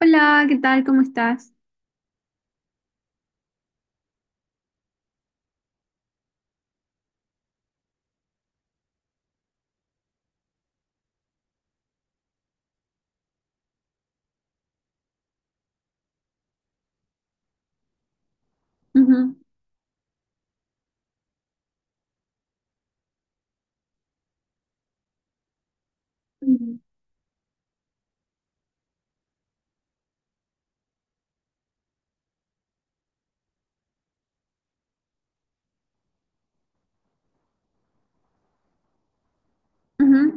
Hola, ¿qué tal? ¿Cómo estás? Ujú. Mm, ujú.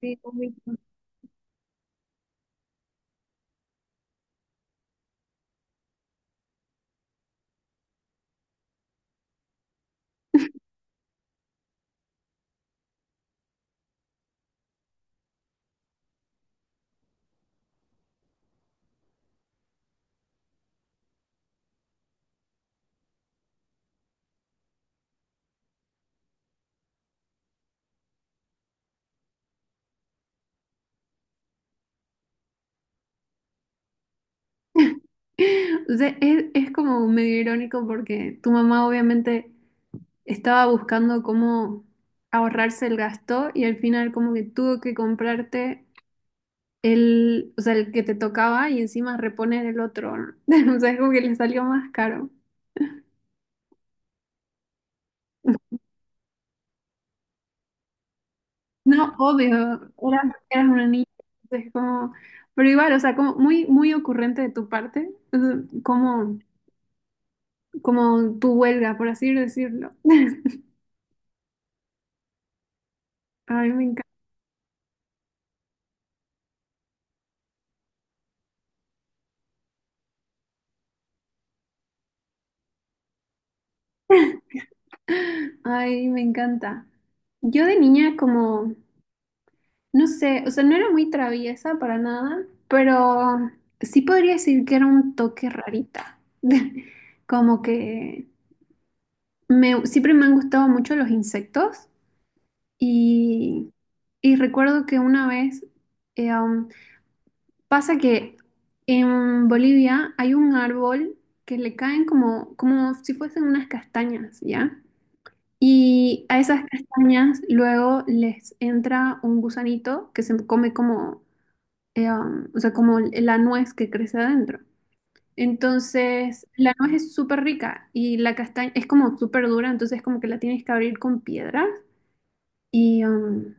Sí, lo mismo. O sea, es como medio irónico porque tu mamá obviamente estaba buscando cómo ahorrarse el gasto y al final como que tuvo que comprarte el, o sea, el que te tocaba y encima reponer el otro, ¿no? O sea, es como que le salió más caro. No, obvio, eras una niña, entonces como, pero igual, o sea, como muy, muy ocurrente de tu parte, o sea, como... como tu huelga, por así decirlo. Ay, me encanta. Ay, me encanta. Yo de niña como, no sé, o sea, no era muy traviesa para nada, pero sí podría decir que era un toque rarita. Como que me, siempre me han gustado mucho los insectos y, y recuerdo que una vez, eh, um, pasa que en Bolivia hay un árbol que le caen como, como si fuesen unas castañas, ¿ya? Y a esas castañas luego les entra un gusanito que se come como, o sea, como la nuez que crece adentro. Entonces, la nuez es súper rica y la castaña es como súper dura, entonces como que la tienes que abrir con piedras y,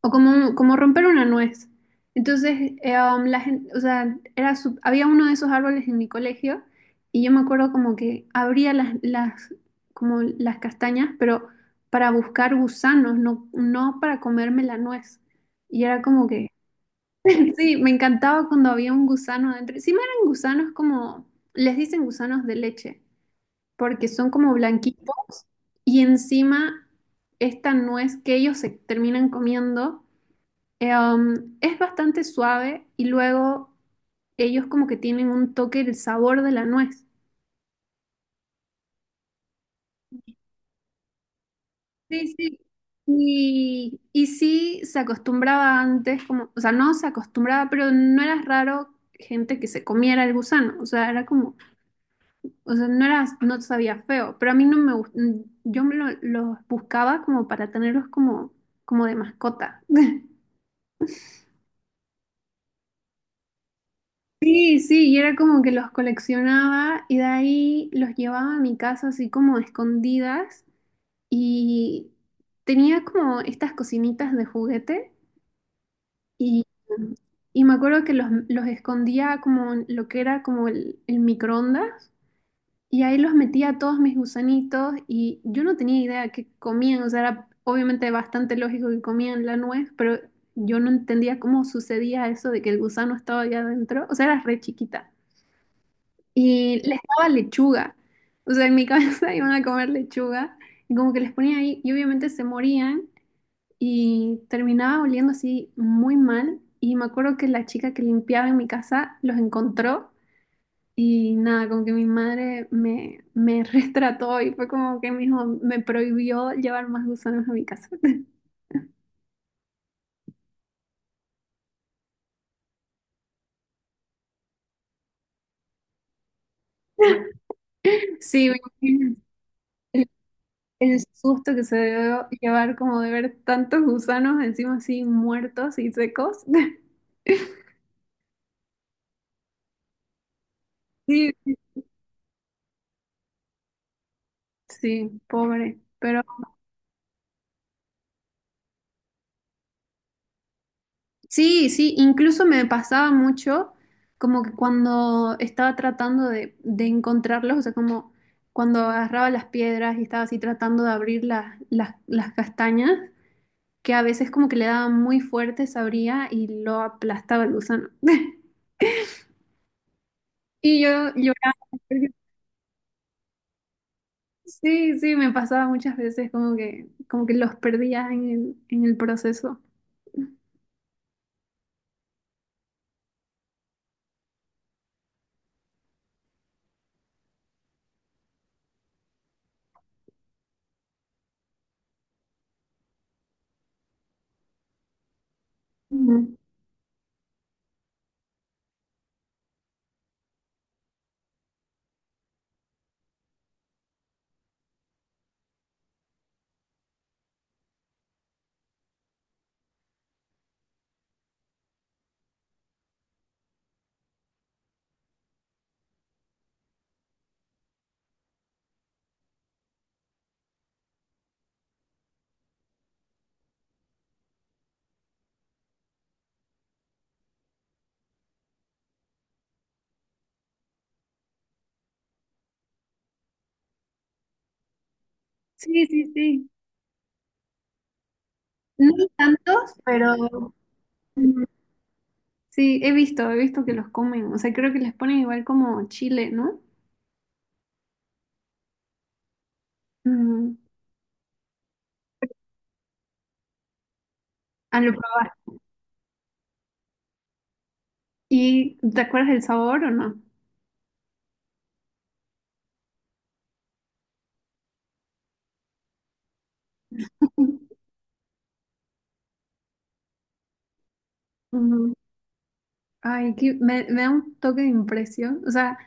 o como, como romper una nuez. Entonces, la gente, o sea, era su- había uno de esos árboles en mi colegio y yo me acuerdo como que abría las como las castañas, pero para buscar gusanos, no, no para comerme la nuez. Y era como que, sí, me encantaba cuando había un gusano adentro. Sí, me eran gusanos como, les dicen gusanos de leche, porque son como blanquitos y encima esta nuez que ellos se terminan comiendo. Es bastante suave y luego ellos como que tienen un toque del sabor de la nuez. Sí, sí. Y sí se acostumbraba antes, como, o sea, no se acostumbraba, pero no era raro gente que se comiera el gusano. O sea, era como, o sea, no era, no sabía feo, pero a mí no me gustó, yo me lo- los buscaba como para tenerlos como, como de mascota. Sí, sí, y era como que los coleccionaba y de ahí los llevaba a mi casa así como escondidas y tenía como estas cocinitas de juguete y, y me acuerdo que los escondía como en lo que era como el microondas y ahí los metía a todos mis gusanitos y yo no tenía idea qué comían, o sea, era obviamente bastante lógico que comían la nuez, pero yo no entendía cómo sucedía eso de que el gusano estaba allá adentro, o sea, era re chiquita. Y les daba lechuga. O sea, en mi cabeza iban a comer lechuga y como que les ponía ahí y obviamente se morían y terminaba oliendo así muy mal. Y me acuerdo que la chica que limpiaba en mi casa los encontró y nada, como que mi madre me, me retrató y fue como que me dijo me prohibió llevar más gusanos a mi casa. Sí, me imagino el, el susto que se debió llevar como de ver tantos gusanos encima así muertos y secos. Sí. Sí, pobre. Pero sí, sí, incluso me pasaba mucho como que cuando estaba tratando de encontrarlos, o sea, como cuando agarraba las piedras y estaba así tratando de abrir las castañas, que a veces como que le daba muy fuerte, se abría y lo aplastaba el gusano. Y yo lloraba. Porque... Sí, sí, me pasaba muchas veces como que los perdía en el proceso. Ujú. Sí, sí, sí. No tantos, pero... Sí, he visto que los comen. O sea, creo que les ponen igual como chile, ¿no? Ujú. Ah, lo probar. ¿Y te acuerdas del sabor o no? Ujú. Ay, que me da un toque de impresión. O sea,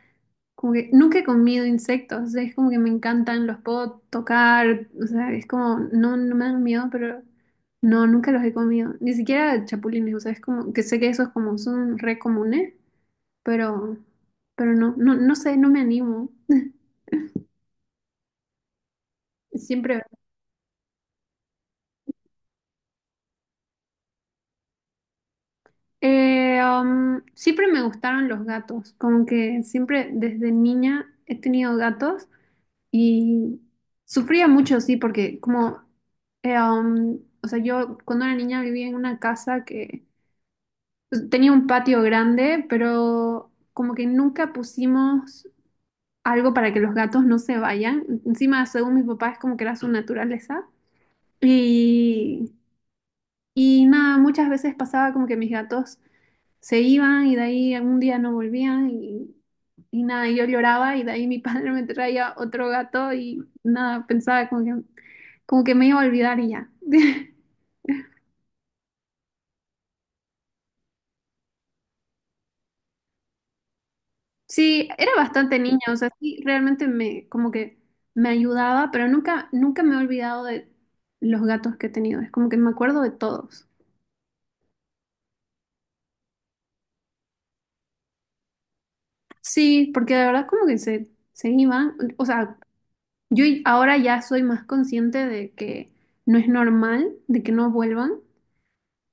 como que nunca he comido insectos. O sea, es como que me encantan, los puedo tocar. O sea, es como, no, no me dan miedo, pero no, nunca los he comido. Ni siquiera chapulines. O sea, es como que sé que esos como son re comunes, pero, pero no, no, no sé, no me animo. Siempre siempre me gustaron los gatos, como que siempre desde niña he tenido gatos y sufría mucho, sí, porque como, o sea, yo cuando era niña vivía en una casa que pues, tenía un patio grande, pero como que nunca pusimos algo para que los gatos no se vayan. Encima, según mi papá, es como que era su naturaleza. Y, y nada, muchas veces pasaba como que mis gatos... se iban y de ahí algún día no volvían y nada, yo lloraba y de ahí mi padre me traía otro gato y nada, pensaba como que me iba a olvidar y ya. Sí, era bastante niña, o sea, sí, realmente me, como que me ayudaba, pero nunca, nunca me he olvidado de los gatos que he tenido, es como que me acuerdo de todos. Sí, porque de verdad como que se iban, o sea, yo ahora ya soy más consciente de que no es normal, de que no vuelvan,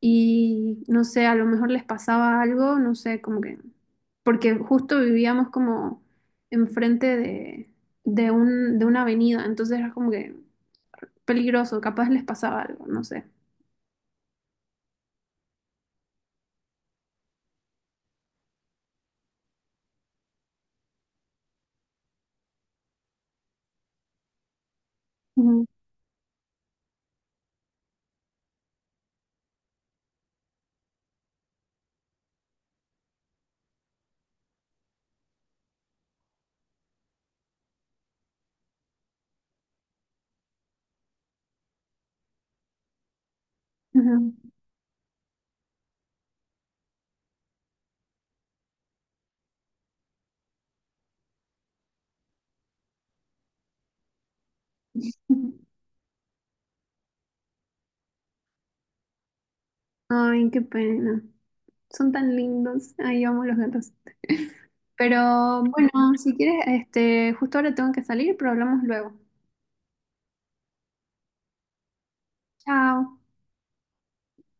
y no sé, a lo mejor les pasaba algo, no sé, como que, porque justo vivíamos como enfrente de un, de una avenida, entonces era como que peligroso, capaz les pasaba algo, no sé. Ujú. Ujú. Ay, qué pena. Son tan lindos. Ay, amo los gatos. Pero bueno, si quieres, este, justo ahora tengo que salir, pero hablamos luego. Chao.